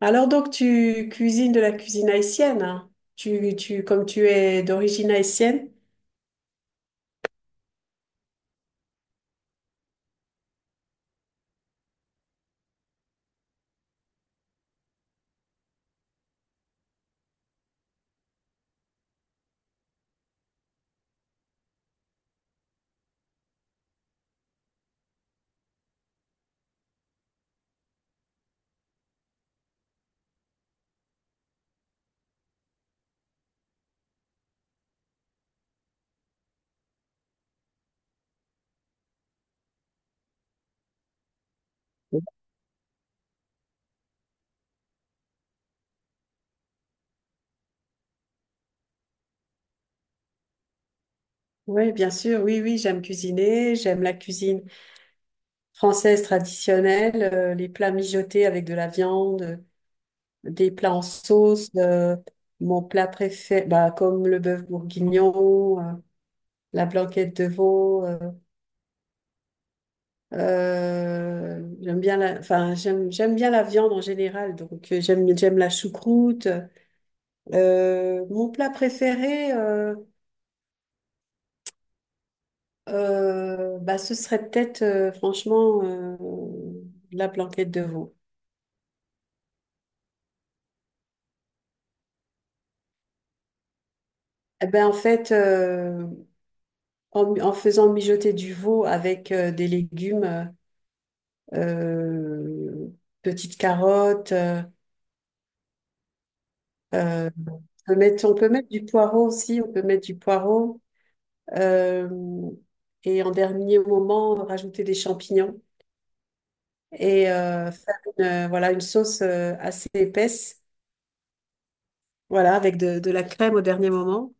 Alors donc tu cuisines de la cuisine haïtienne, hein. Comme tu es d'origine haïtienne? Oui, bien sûr, oui, oui, j'aime cuisiner, j'aime la cuisine française traditionnelle, les plats mijotés avec de la viande, des plats en sauce, mon plat préféré, bah, comme le bœuf bourguignon, la blanquette de veau, j'aime bien la, enfin, j'aime bien la viande en général, donc j'aime la choucroute. Mon plat préféré, bah, ce serait peut-être franchement la blanquette de veau. Eh ben, en fait, en faisant mijoter du veau avec des légumes, euh, petites carottes, euh, on peut mettre du poireau aussi, on peut mettre du poireau. euh, et en dernier moment, rajouter des champignons et faire voilà, une sauce assez épaisse. Voilà, avec de la crème au dernier moment.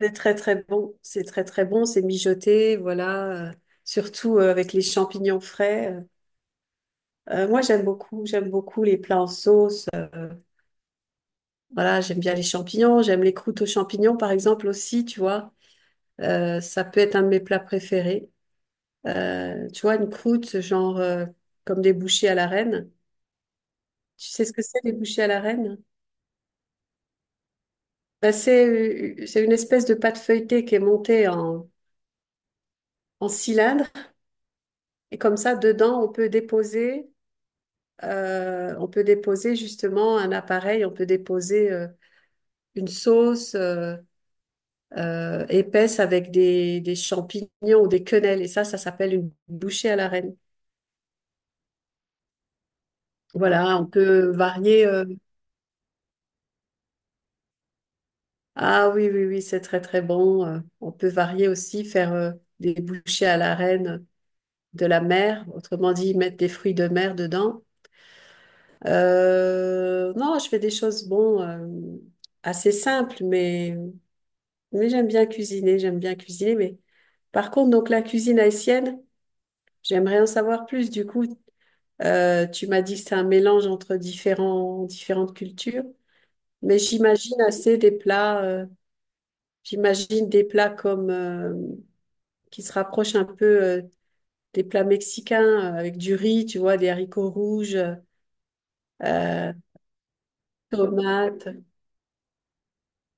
C'est très très bon. C'est très très bon. C'est mijoté, voilà. Surtout avec les champignons frais. Moi, j'aime beaucoup. J'aime beaucoup les plats en sauce. Voilà, j'aime bien les champignons. J'aime les croûtes aux champignons, par exemple, aussi, tu vois. Ça peut être un de mes plats préférés. Tu vois, une croûte, genre comme des bouchées à la reine. Tu sais ce que c'est, les bouchées à la reine? Ben, c'est une espèce de pâte feuilletée qui est montée en cylindre. Et comme ça, dedans, on peut déposer justement un appareil, on peut déposer une sauce épaisse avec des champignons ou des quenelles. Et ça s'appelle une bouchée à la reine. Voilà, on peut varier. Ah oui, oui, oui, c'est très, très bon. On peut varier aussi, faire des bouchées à la reine de la mer. Autrement dit, mettre des fruits de mer dedans. Non, je fais des choses, bon, assez simples, mais... Mais j'aime bien cuisiner, j'aime bien cuisiner. Mais par contre, donc la cuisine haïtienne, j'aimerais en savoir plus. Du coup, tu m'as dit que c'est un mélange entre différentes cultures, mais j'imagine assez des plats, j'imagine des plats comme qui se rapprochent un peu des plats mexicains avec du riz, tu vois, des haricots rouges, euh, tomates.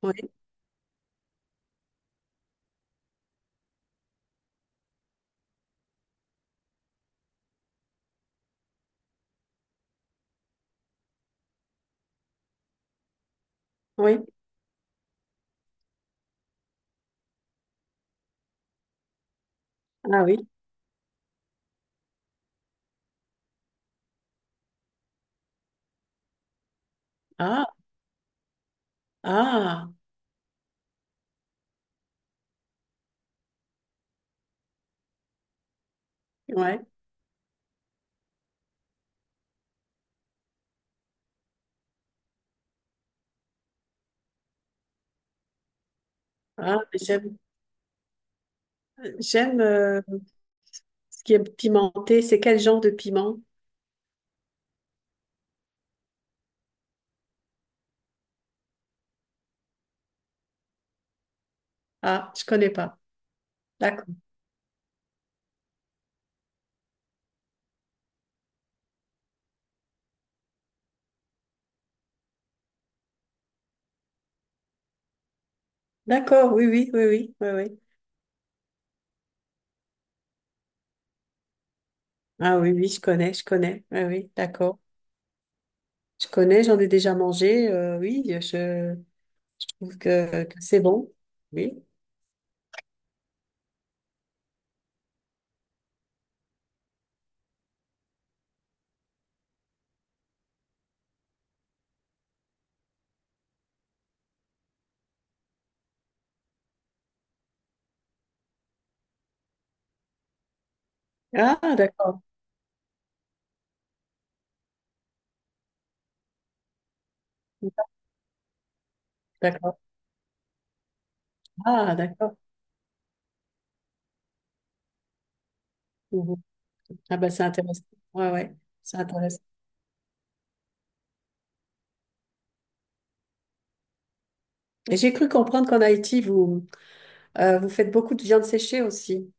Oui, oui. Ah oui. Ah, ah, ouais. Ah, j'aime, j'aime. Ce qui est pimenté, c'est quel genre de piment? Ah, je connais pas. D'accord. D'accord, oui, oui, oui, oui, oui, oui. Ah oui, oui, je connais, je connais. Oui, oui, d'accord. Je connais, j'en ai déjà mangé. Oui, je trouve que c'est bon. Oui. Ah, d'accord. D'accord. Ah, d'accord. Mhm. Ah ben, c'est intéressant. Ouais, ouais, c'est intéressant. Et j'ai cru comprendre qu'en Haïti, vous, vous faites beaucoup de viande séchée aussi.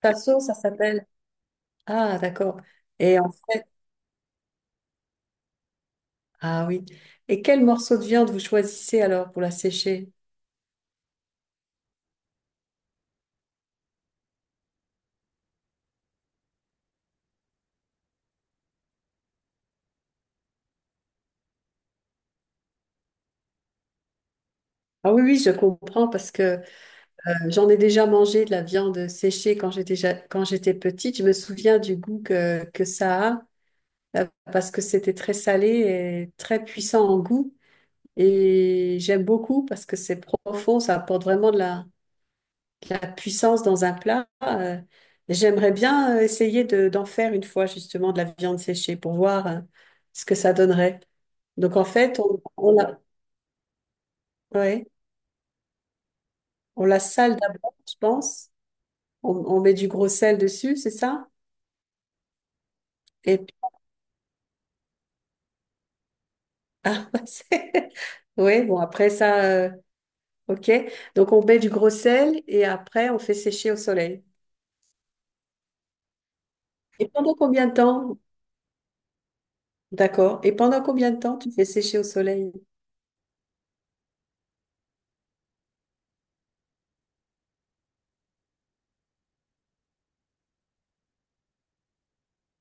Tasso, ça s'appelle. Ah, d'accord. Et en fait, ah oui. Et quel morceau de viande vous choisissez alors pour la sécher? Ah oui, oui, je comprends parce que j'en ai déjà mangé de la viande séchée quand quand j'étais petite. Je me souviens du goût que ça a euh, parce que c'était très salé et très puissant en goût. Et j'aime beaucoup parce que c'est profond, ça apporte vraiment de de la puissance dans un plat. J'aimerais bien essayer d'en faire une fois justement de la viande séchée pour voir ce que ça donnerait. Donc en fait, on, ouais. On la sale d'abord, je pense. On met du gros sel dessus, c'est ça? Et puis, ah, bah, ouais, bon, après ça, ok. Donc, on met du gros sel et après, on fait sécher au soleil. Et pendant combien de temps? D'accord. Et pendant combien de temps tu fais sécher au soleil?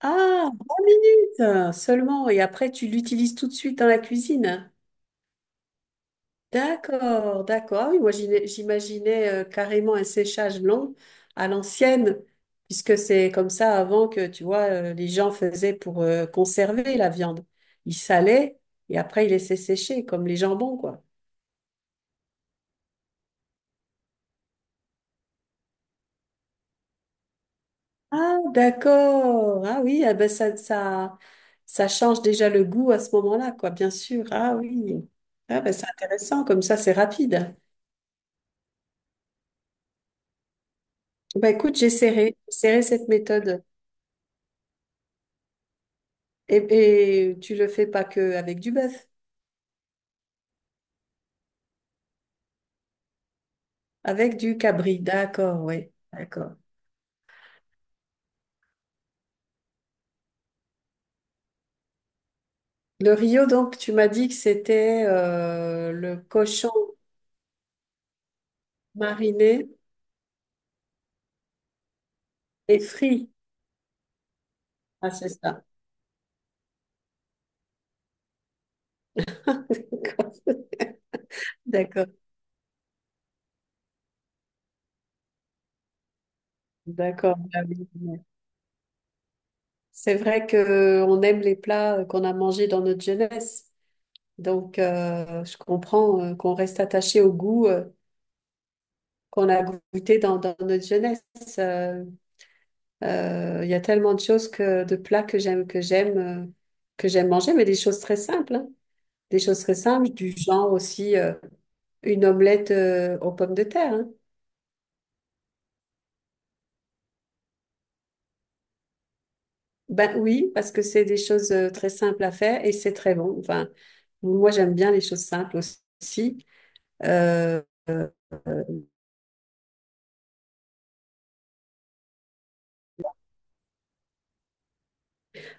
Ah, 20 minutes seulement. Et après, tu l'utilises tout de suite dans la cuisine. D'accord, d'accord. Ah oui, moi j'imaginais carrément un séchage long à l'ancienne, puisque c'est comme ça avant que, tu vois, les gens faisaient pour conserver la viande. Ils salaient et après ils laissaient sécher, comme les jambons, quoi. Ah, d'accord. Ah oui, ah ben ça change déjà le goût à ce moment-là, quoi, bien sûr. Ah oui. Ah ben c'est intéressant, comme ça c'est rapide. Ben écoute, j'essaierai, j'essaierai cette méthode. Et tu le fais pas que avec du bœuf. Avec du cabri, d'accord, oui, d'accord. Le Rio, donc, tu m'as dit que c'était le cochon mariné et frit. Ah, c'est ça. D'accord, d'accord. D'accord. Ah oui, oui. C'est vrai que on aime les plats qu'on a mangés dans notre jeunesse. Donc, je comprends qu'on reste attaché au goût qu'on a goûté dans notre jeunesse. Euh, Il y a tellement de choses de plats que j'aime, que j'aime manger, mais des choses très simples, hein. Des choses très simples, du genre aussi une omelette aux pommes de terre, hein. Ben oui, parce que c'est des choses très simples à faire et c'est très bon. Enfin, moi j'aime bien les choses simples aussi. Euh,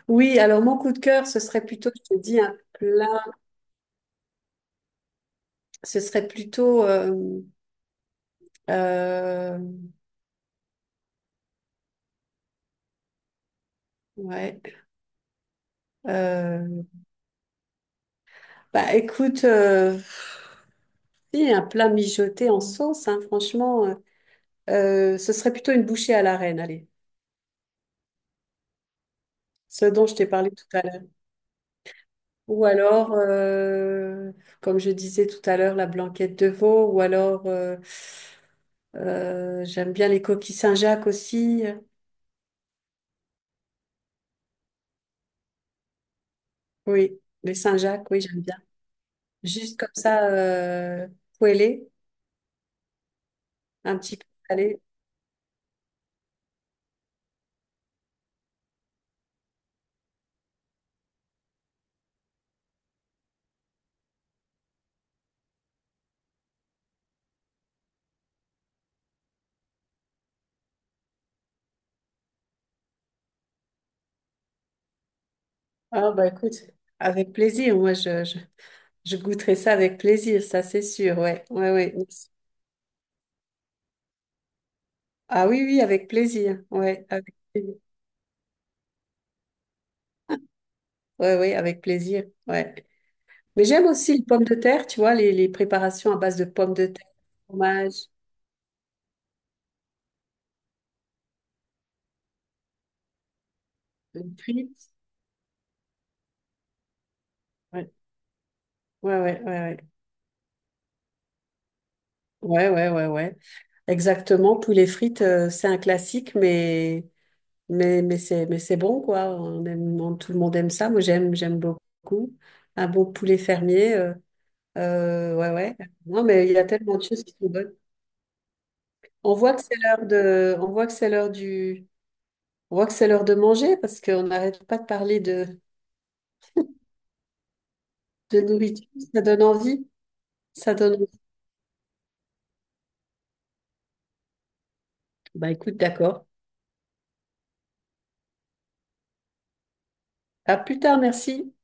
oui, alors mon coup de cœur, ce serait plutôt, je te dis, un plat, ce serait plutôt, euh, ouais, euh, bah écoute. Si, un plat mijoté en sauce, hein, franchement, ce serait plutôt une bouchée à l'arène, allez, ce dont je t'ai parlé tout à l'heure. Ou alors, comme je disais tout à l'heure, la blanquette de veau, ou alors, j'aime bien les coquilles Saint-Jacques aussi. Oui, les Saint-Jacques, oui, j'aime bien. Juste comme ça, poêlé, un petit peu salé. Ah, bah écoute, avec plaisir, moi, je goûterai ça avec plaisir, ça c'est sûr, ouais, ouais, ouais. Ah oui, oui, avec plaisir. Ouais, avec plaisir. Ouais, ouais, avec plaisir. Ouais. Mais j'aime aussi les pommes de terre, tu vois, les préparations à base de pommes de terre, fromage, frites. Ouais, ouais, ouais, ouais. Ouais, ouais, ouais, ouais. Ouais. Exactement. Poulet frites, c'est un classique, mais c'est bon, quoi. On aime, tout le monde aime ça. Moi, j'aime beaucoup. Un bon poulet fermier. Ouais, ouais. Non, mais il y a tellement de choses qui sont bonnes. On voit que c'est l'heure de, on voit que c'est l'heure du, On voit que c'est l'heure de manger parce qu'on n'arrête pas de parler de nourriture. Ça donne envie. Ça donne envie. Bah écoute, d'accord. À plus tard, merci.